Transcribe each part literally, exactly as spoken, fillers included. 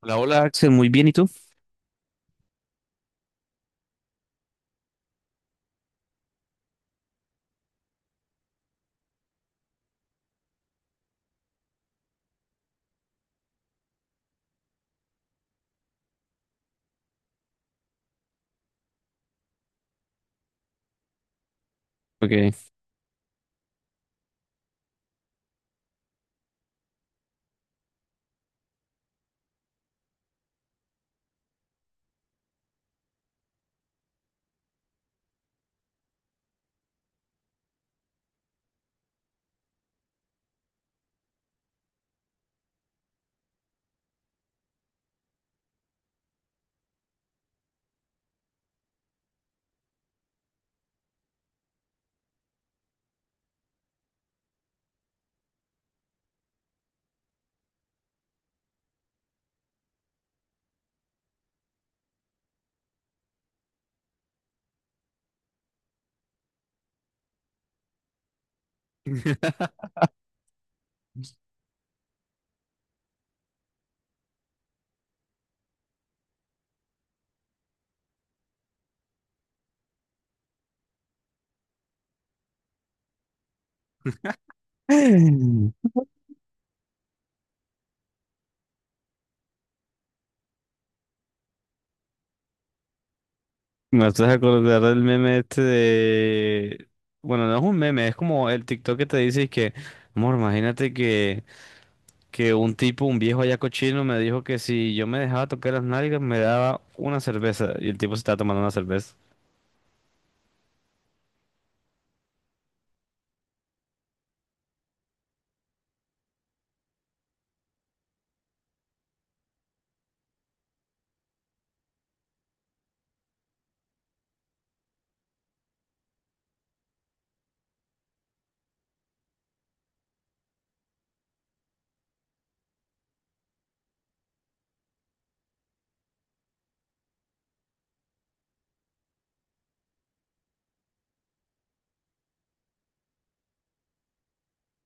Hola, hola Axel, muy bien, ¿y tú? Ok. Me estás acordar del meme este de... Bueno, no es un meme, es como el TikTok que te dice que, amor, imagínate que, que un tipo, un viejo allá cochino me dijo que si yo me dejaba tocar las nalgas me daba una cerveza y el tipo se estaba tomando una cerveza.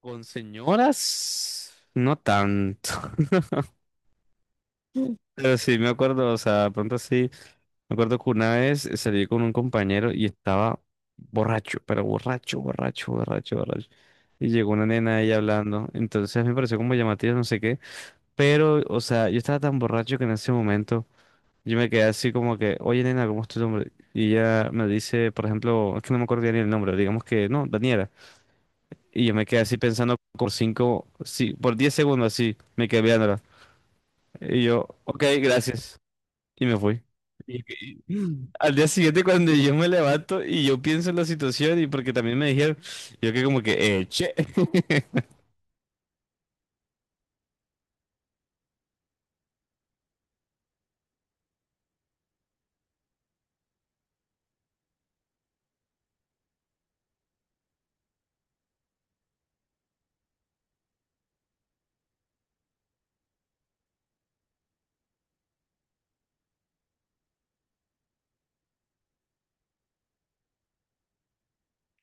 ¿Con señoras? No tanto. Pero sí, me acuerdo, o sea, pronto sí. Me acuerdo que una vez eh, salí con un compañero y estaba borracho, pero borracho, borracho, borracho, borracho. Y llegó una nena ahí hablando. Entonces me pareció como llamativo, no sé qué. Pero, o sea, yo estaba tan borracho que en ese momento yo me quedé así como que, oye, nena, ¿cómo es tu nombre? Y ella me dice, por ejemplo, es que no me acuerdo bien el nombre, digamos que no, Daniela. Y yo me quedé así pensando por cinco, sí, por diez segundos así, me quedé viéndola. Y yo, ok, gracias. Y me fui. Y- y- Al día siguiente, cuando yo me levanto y yo pienso en la situación y porque también me dijeron, yo que como que, eh, che.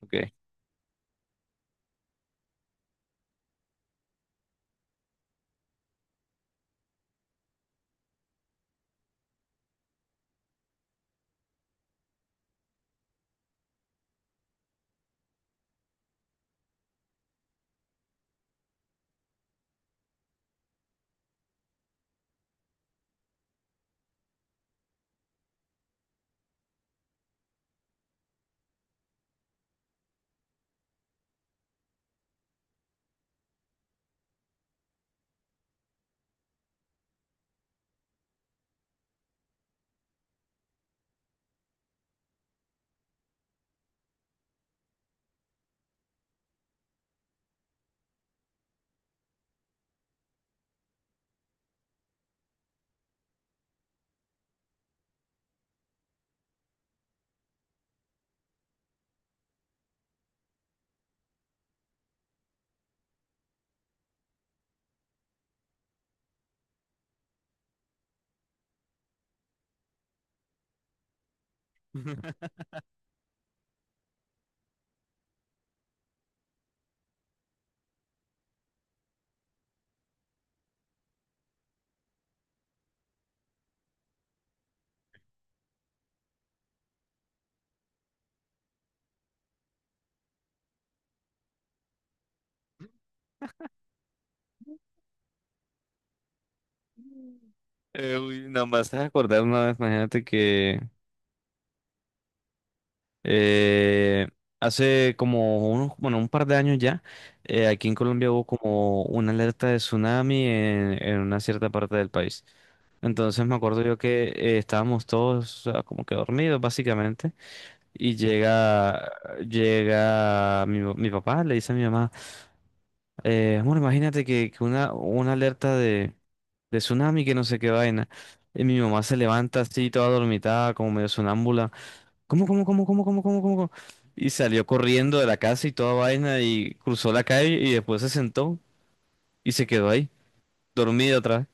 Ok. Eh, uy, nada más acordar una vez, imagínate que eh, hace como unos, bueno, un par de años ya, eh, aquí en Colombia hubo como una alerta de tsunami en, en una cierta parte del país. Entonces me acuerdo yo que eh, estábamos todos ah, como que dormidos básicamente. Y llega, llega mi, mi papá, le dice a mi mamá, eh, amor, imagínate que, que una, una alerta de, de tsunami, que no sé qué vaina. Y mi mamá se levanta así, toda dormitada, como medio sonámbula. ¿Cómo, cómo, cómo, cómo, cómo, cómo, cómo, cómo? Y salió corriendo de la casa y toda vaina y cruzó la calle y después se sentó y se quedó ahí, dormida otra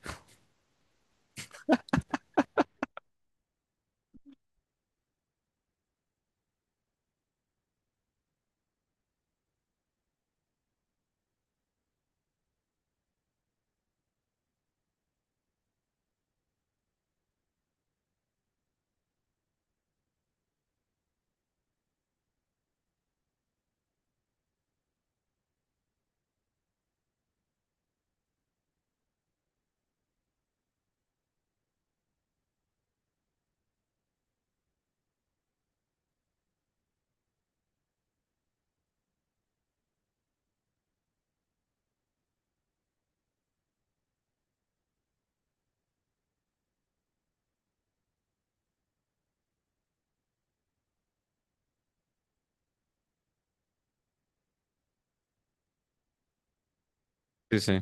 vez. Sí,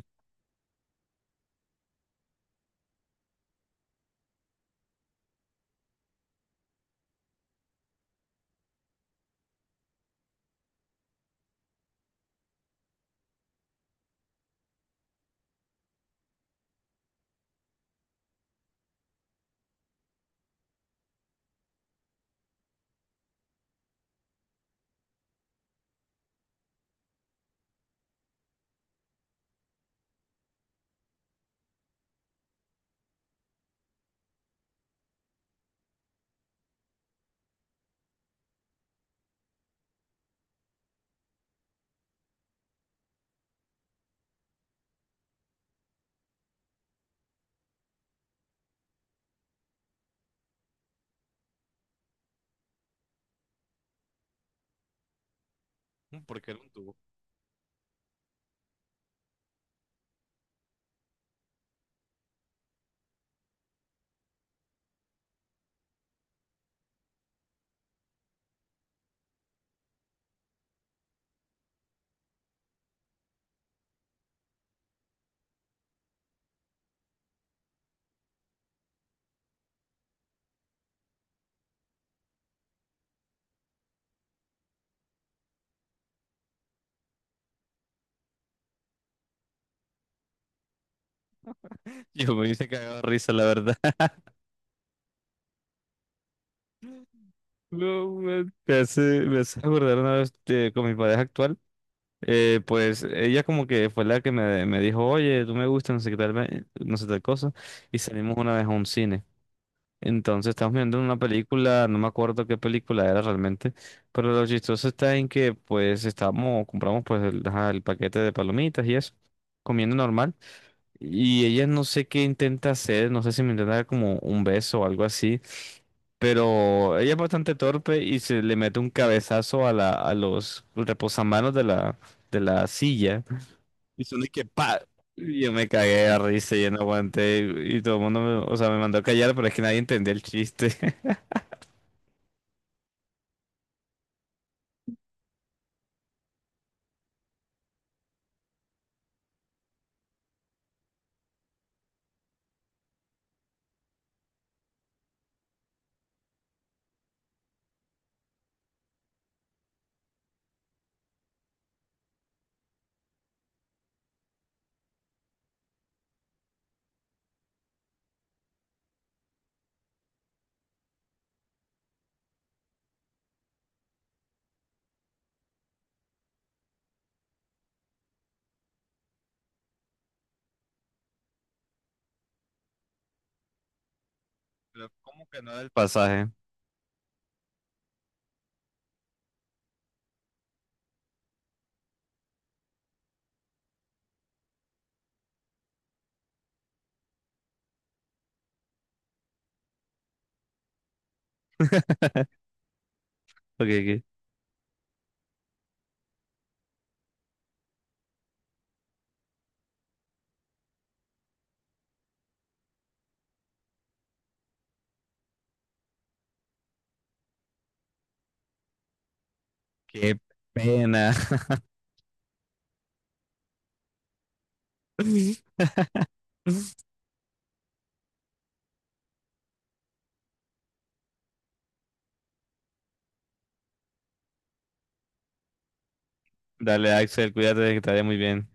sí. Porque era un tubo. Yo me hice cagado de risa, la verdad. No, man, me hace, me hace acordar una vez eh, con mi pareja actual. Eh, pues ella como que fue la que me, me dijo, oye, tú me gustas, no sé qué tal, ve- no sé tal cosa, y salimos una vez a un cine. Entonces estamos viendo una película, no me acuerdo qué película era realmente, pero lo chistoso está en que pues estábamos, compramos pues el, ajá, el paquete de palomitas y eso, comiendo normal, y ella no sé qué intenta hacer, no sé si me intenta dar como un beso o algo así, pero ella es bastante torpe y se le mete un cabezazo a la, a los reposamanos de la, de la silla. Y son de que pa. Y yo me cagué de risa y yo no aguanté. Y, y todo el mundo me, o sea, me mandó a callar, pero es que nadie entendió el chiste. Pero ¿cómo que no del pasaje? Porque qué qué pena. Dale, Axel, cuídate que te vaya muy bien.